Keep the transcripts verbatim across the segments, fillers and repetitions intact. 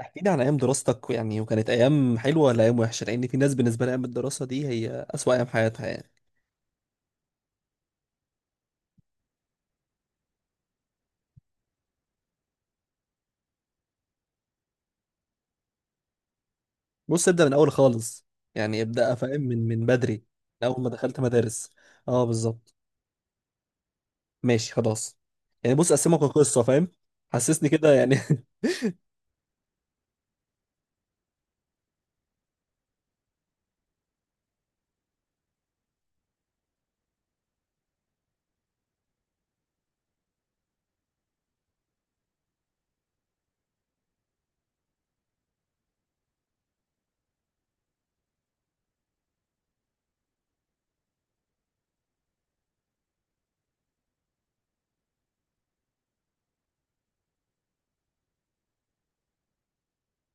احكي لي عن ايام دراستك يعني، وكانت ايام حلوه ولا ايام وحشه؟ لان في ناس بالنسبه لها ايام الدراسه دي هي اسوأ ايام حياتها يعني. بص ابدا من اول خالص، يعني ابدا فاهم، من من بدري، من اول ما دخلت مدارس. اه بالظبط، ماشي خلاص. يعني بص اقسمك القصه فاهم، حسسني كده يعني.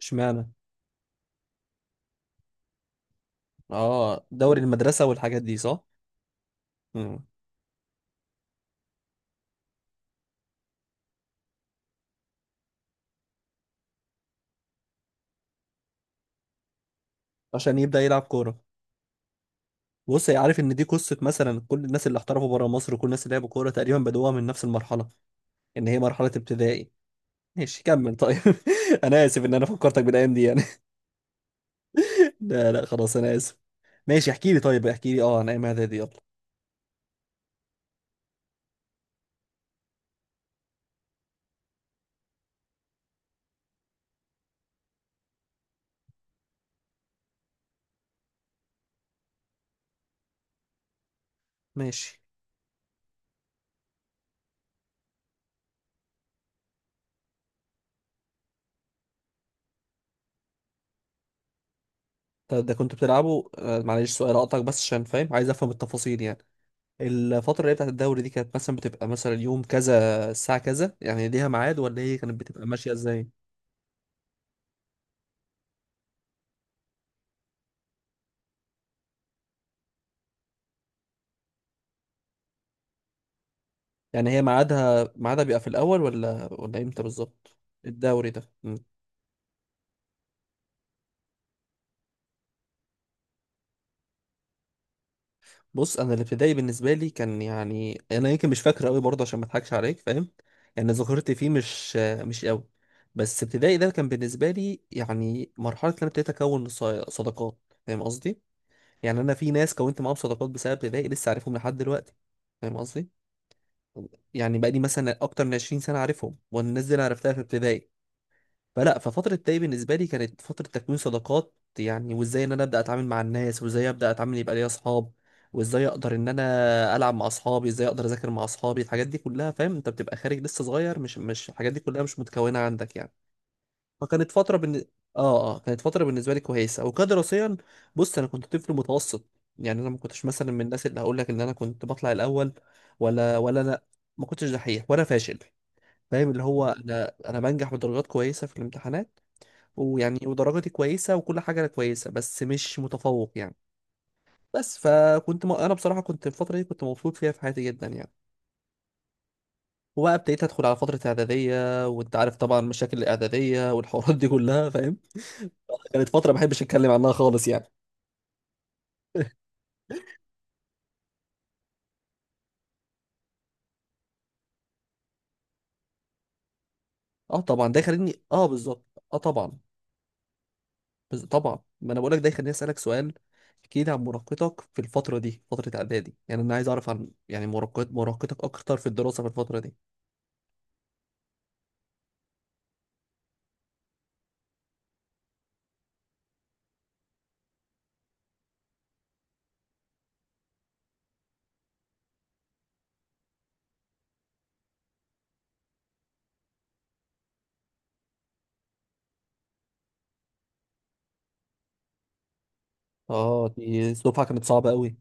اشمعنى؟ اه، دوري المدرسه والحاجات دي، صح. مم. عشان يبدا يلعب كوره. بص، هي عارف ان دي قصه، مثلا كل الناس اللي احترفوا بره مصر وكل الناس اللي لعبوا كوره تقريبا بدوها من نفس المرحله، ان هي مرحله ابتدائي. ماشي كمل طيب. انا اسف ان انا فكرتك بالايام دي يعني. لا لا، خلاص انا اسف. ماشي، احكي لي طيب، احكي لي اه عن ايام اعدادي يلا. ماشي. طب ده كنت بتلعبه، آه، معلش سؤال اقطعك بس عشان فاهم، عايز افهم التفاصيل يعني. الفترة اللي هي بتاعت الدوري دي كانت مثلا بتبقى مثلا يوم كذا الساعة كذا، يعني ليها ميعاد، ولا هي كانت بتبقى ماشية ازاي؟ يعني هي ميعادها ميعادها بيبقى في الاول ولا ولا امتى بالظبط الدوري ده؟ بص انا الابتدائي بالنسبه لي كان يعني، انا يمكن مش فاكره قوي برضه عشان ما اضحكش عليك فاهم، يعني ذاكرتي فيه مش مش قوي. بس ابتدائي ده كان بالنسبه لي يعني مرحله ان انا ابتديت اكون ص- صداقات، فاهم قصدي؟ يعني انا في ناس كونت معاهم صداقات بسبب ابتدائي لسه عارفهم لحد دلوقتي، فاهم قصدي؟ يعني بقى لي مثلا اكتر من عشرين سنه عارفهم، والناس دي انا عرفتها في ابتدائي. فلا، ففترة داي بالنسبة لي كانت فترة تكوين صداقات يعني، وازاي ان انا ابدا اتعامل مع الناس، وازاي ابدا اتعامل يبقى ليا اصحاب، وازاي اقدر ان انا العب مع اصحابي، ازاي اقدر اذاكر مع اصحابي، الحاجات دي كلها فاهم؟ انت بتبقى خارج لسه صغير، مش مش الحاجات دي كلها مش متكونة عندك يعني. فكانت فترة بن... اه اه كانت فترة بالنسبة لي كويسة، وكدراسيا بص انا كنت طفل متوسط، يعني انا ما كنتش مثلا من الناس اللي هقول لك ان انا كنت بطلع الاول ولا ولا انا، ما كنتش دحيح ولا فاشل، فاهم اللي هو انا انا بنجح بدرجات كويسة في الامتحانات، ويعني ودرجتي كويسة وكل حاجة أنا كويسة، بس مش متفوق يعني. بس فكنت م... أنا بصراحة كنت الفترة دي كنت مبسوط فيها في حياتي جدا يعني. وبقى ابتديت أدخل على فترة إعدادية، وأنت عارف طبعا مشاكل الإعدادية والحوارات دي كلها فاهم، كانت فترة ما بحبش أتكلم عنها خالص يعني. أه طبعا، ده يخليني أه بالظبط. أه طبعا. بز... طبعا ما أنا بقول لك ده يخليني أسألك سؤال. احكي لي عن مراهقتك في الفترة دي، فترة إعدادي يعني، أنا عايز أعرف عن يعني مراهقت مراهقتك أكتر في الدراسة في الفترة دي. أه دي الدفعة كانت صعبة أوي.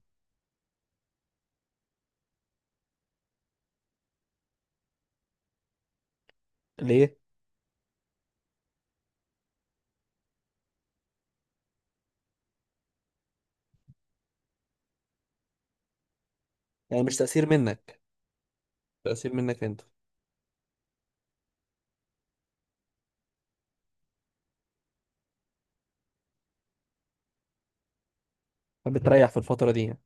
ليه؟ يعني مش تأثير منك؟ تأثير منك انت. فبتريح في الفترة دي يعني.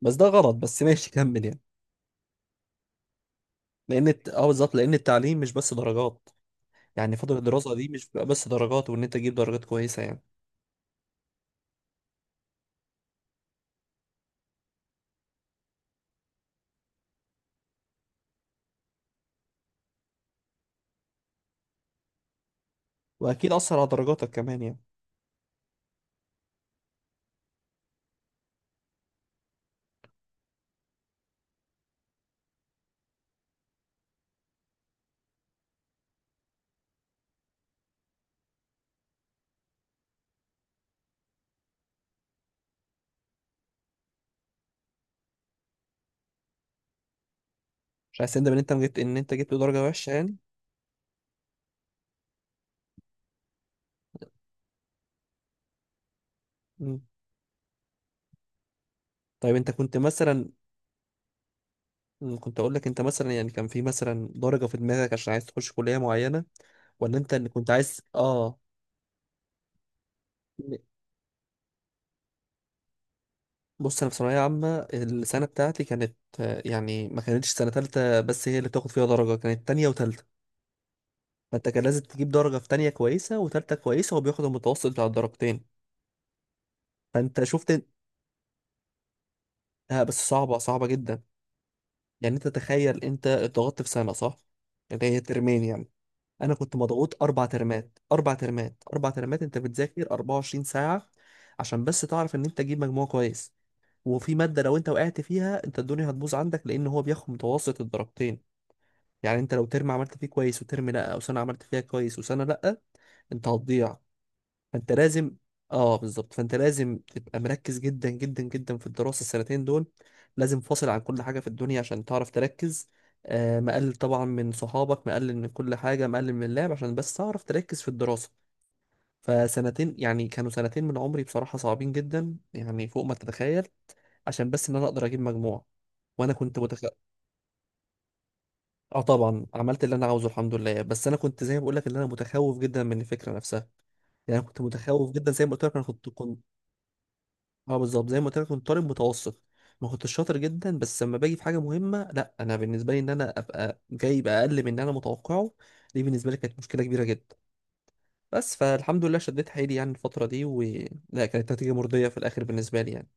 بس ده غلط، بس ماشي كمل يعني. لأن الت- اه بالظبط، لأن التعليم مش بس درجات، يعني فترة الدراسة دي مش بتبقى بس درجات، وإن أنت تجيب درجات كويسة يعني. وأكيد أثر على درجاتك كمان يعني. مش عايز تندم إن أنت جبت إن أنت جبت درجة وحشة يعني. مم. طيب أنت كنت مثلا، مم، كنت أقول لك أنت مثلا يعني كان في مثلا درجة في دماغك عشان عايز تخش كلية معينة، ولا أنت اللي كنت عايز آه بص انا في ثانويه عامه، السنه بتاعتي كانت آه، يعني ما كانتش سنه تالتة بس هي اللي بتاخد فيها درجه، كانت تانية وتالتة، فانت كان لازم تجيب درجه في تانية كويسه وتالتة كويسه، وبياخد المتوسط بتاع الدرجتين، فانت شفت؟ آه بس صعبه صعبه جدا. يعني انت تخيل انت اتضغطت في سنه، صح؟ اللي هي ترمين يعني، انا كنت مضغوط اربع ترمات اربع ترمات اربع ترمات، انت بتذاكر أربعة وعشرين ساعه عشان بس تعرف ان انت تجيب مجموع كويس، وفي ماده لو انت وقعت فيها، انت الدنيا هتبوظ عندك، لان هو بياخد متوسط الدرجتين. يعني انت لو ترم عملت فيه كويس وترم لا، او سنه عملت فيها كويس وسنه لا، انت هتضيع. فانت لازم، اه بالظبط، فانت لازم تبقى مركز جدا جدا جدا في الدراسه السنتين دول، لازم فاصل عن كل حاجه في الدنيا عشان تعرف تركز. آه مقلل طبعا من صحابك، مقلل من كل حاجه، مقلل من اللعب عشان بس تعرف تركز في الدراسه. فسنتين يعني كانوا سنتين من عمري بصراحه صعبين جدا، يعني فوق ما تتخيل، عشان بس ان انا اقدر اجيب مجموع. وانا كنت متخ... اه طبعا عملت اللي انا عاوزه الحمد لله، بس انا كنت زي ما بقول لك ان انا متخوف جدا من الفكره نفسها، يعني انا كنت متخوف جدا، زي ما قلت لك انا كنت كنت، اه بالظبط زي ما قلت لك كنت طالب متوسط، ما كنتش شاطر جدا، بس لما باجي في حاجه مهمه، لا انا بالنسبه لي ان انا ابقى جايب اقل من اللي انا متوقعه، دي بالنسبه لي كانت مشكله كبيره جدا، بس فالحمد لله شديت حيلي يعني الفتره دي، و لا كانت نتيجه مرضيه في الاخر بالنسبه لي يعني.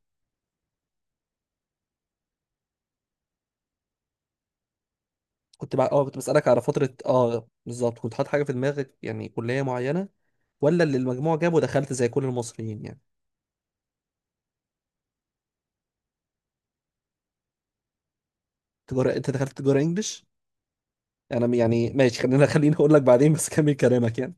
كنت بقى اه كنت بسالك على فتره، اه بالظبط كنت حاطط حاجه في دماغك يعني كليه معينه، ولا اللي المجموع جابه دخلت زي كل المصريين يعني. تجارة، انت دخلت تجارة انجلش؟ انا م- يعني ماشي، خلينا خليني اقول لك بعدين، بس كمل كلامك يعني.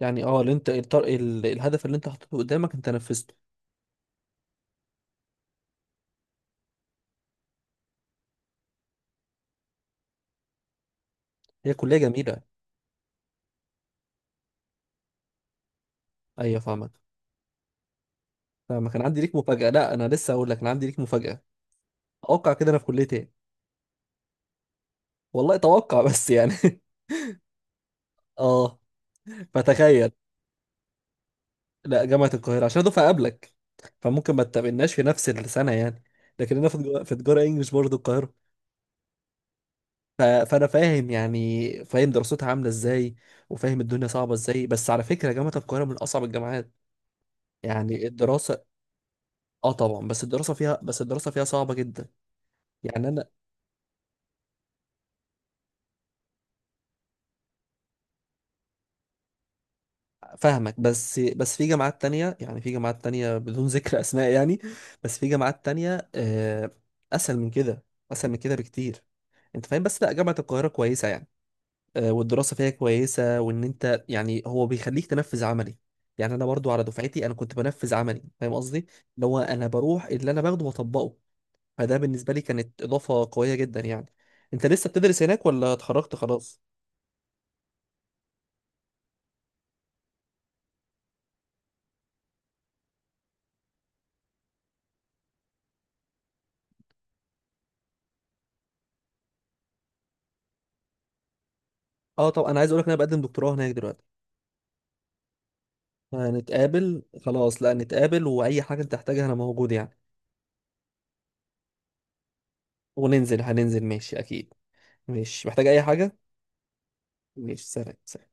يعني اه اللي انت الطر... ال... الهدف اللي انت حطيته قدامك انت نفذته. هي كلية جميلة. ايوه فاهمك، فاهمك. انا عندي ليك مفاجأة، لا انا لسه هقول لك، انا عندي ليك مفاجأة. اتوقع كده انا في كلية ايه؟ والله اتوقع بس يعني اه، فتخيل. لا جامعة القاهرة، عشان دفعة قبلك، فممكن ما تقابلناش في نفس السنة يعني، لكن انا في تجارة في تجارة انجلش برضه القاهرة. ف- فانا فاهم يعني، فاهم دراستها عامله ازاي، وفاهم الدنيا صعبه ازاي، بس على فكره جامعه القاهره من اصعب الجامعات. يعني الدراسه اه طبعا، بس الدراسه فيها بس الدراسه فيها صعبه جدا. يعني انا فاهمك، بس بس في جامعات تانية، يعني في جامعات تانية بدون ذكر اسماء يعني، بس في جامعات تانية آه، اسهل من كده، اسهل من كده بكتير. انت فاهم؟ بس لا جامعه القاهره كويسه يعني، آه، والدراسة فيها كويسة، وإن أنت يعني هو بيخليك تنفذ عملي، يعني أنا برضو على دفعتي أنا كنت بنفذ عملي، فاهم قصدي؟ اللي هو أنا بروح اللي أنا باخده وأطبقه، فده بالنسبة لي كانت إضافة قوية جدا يعني. أنت لسه بتدرس هناك ولا اتخرجت خلاص؟ أه طب أنا عايز أقولك إن أنا بقدم دكتوراه هناك دلوقتي. هنتقابل خلاص، لا نتقابل، وأي حاجة أنت تحتاجها أنا موجود يعني. وننزل، هننزل ماشي أكيد. ماشي، محتاج أي حاجة؟ ماشي سلام سلام.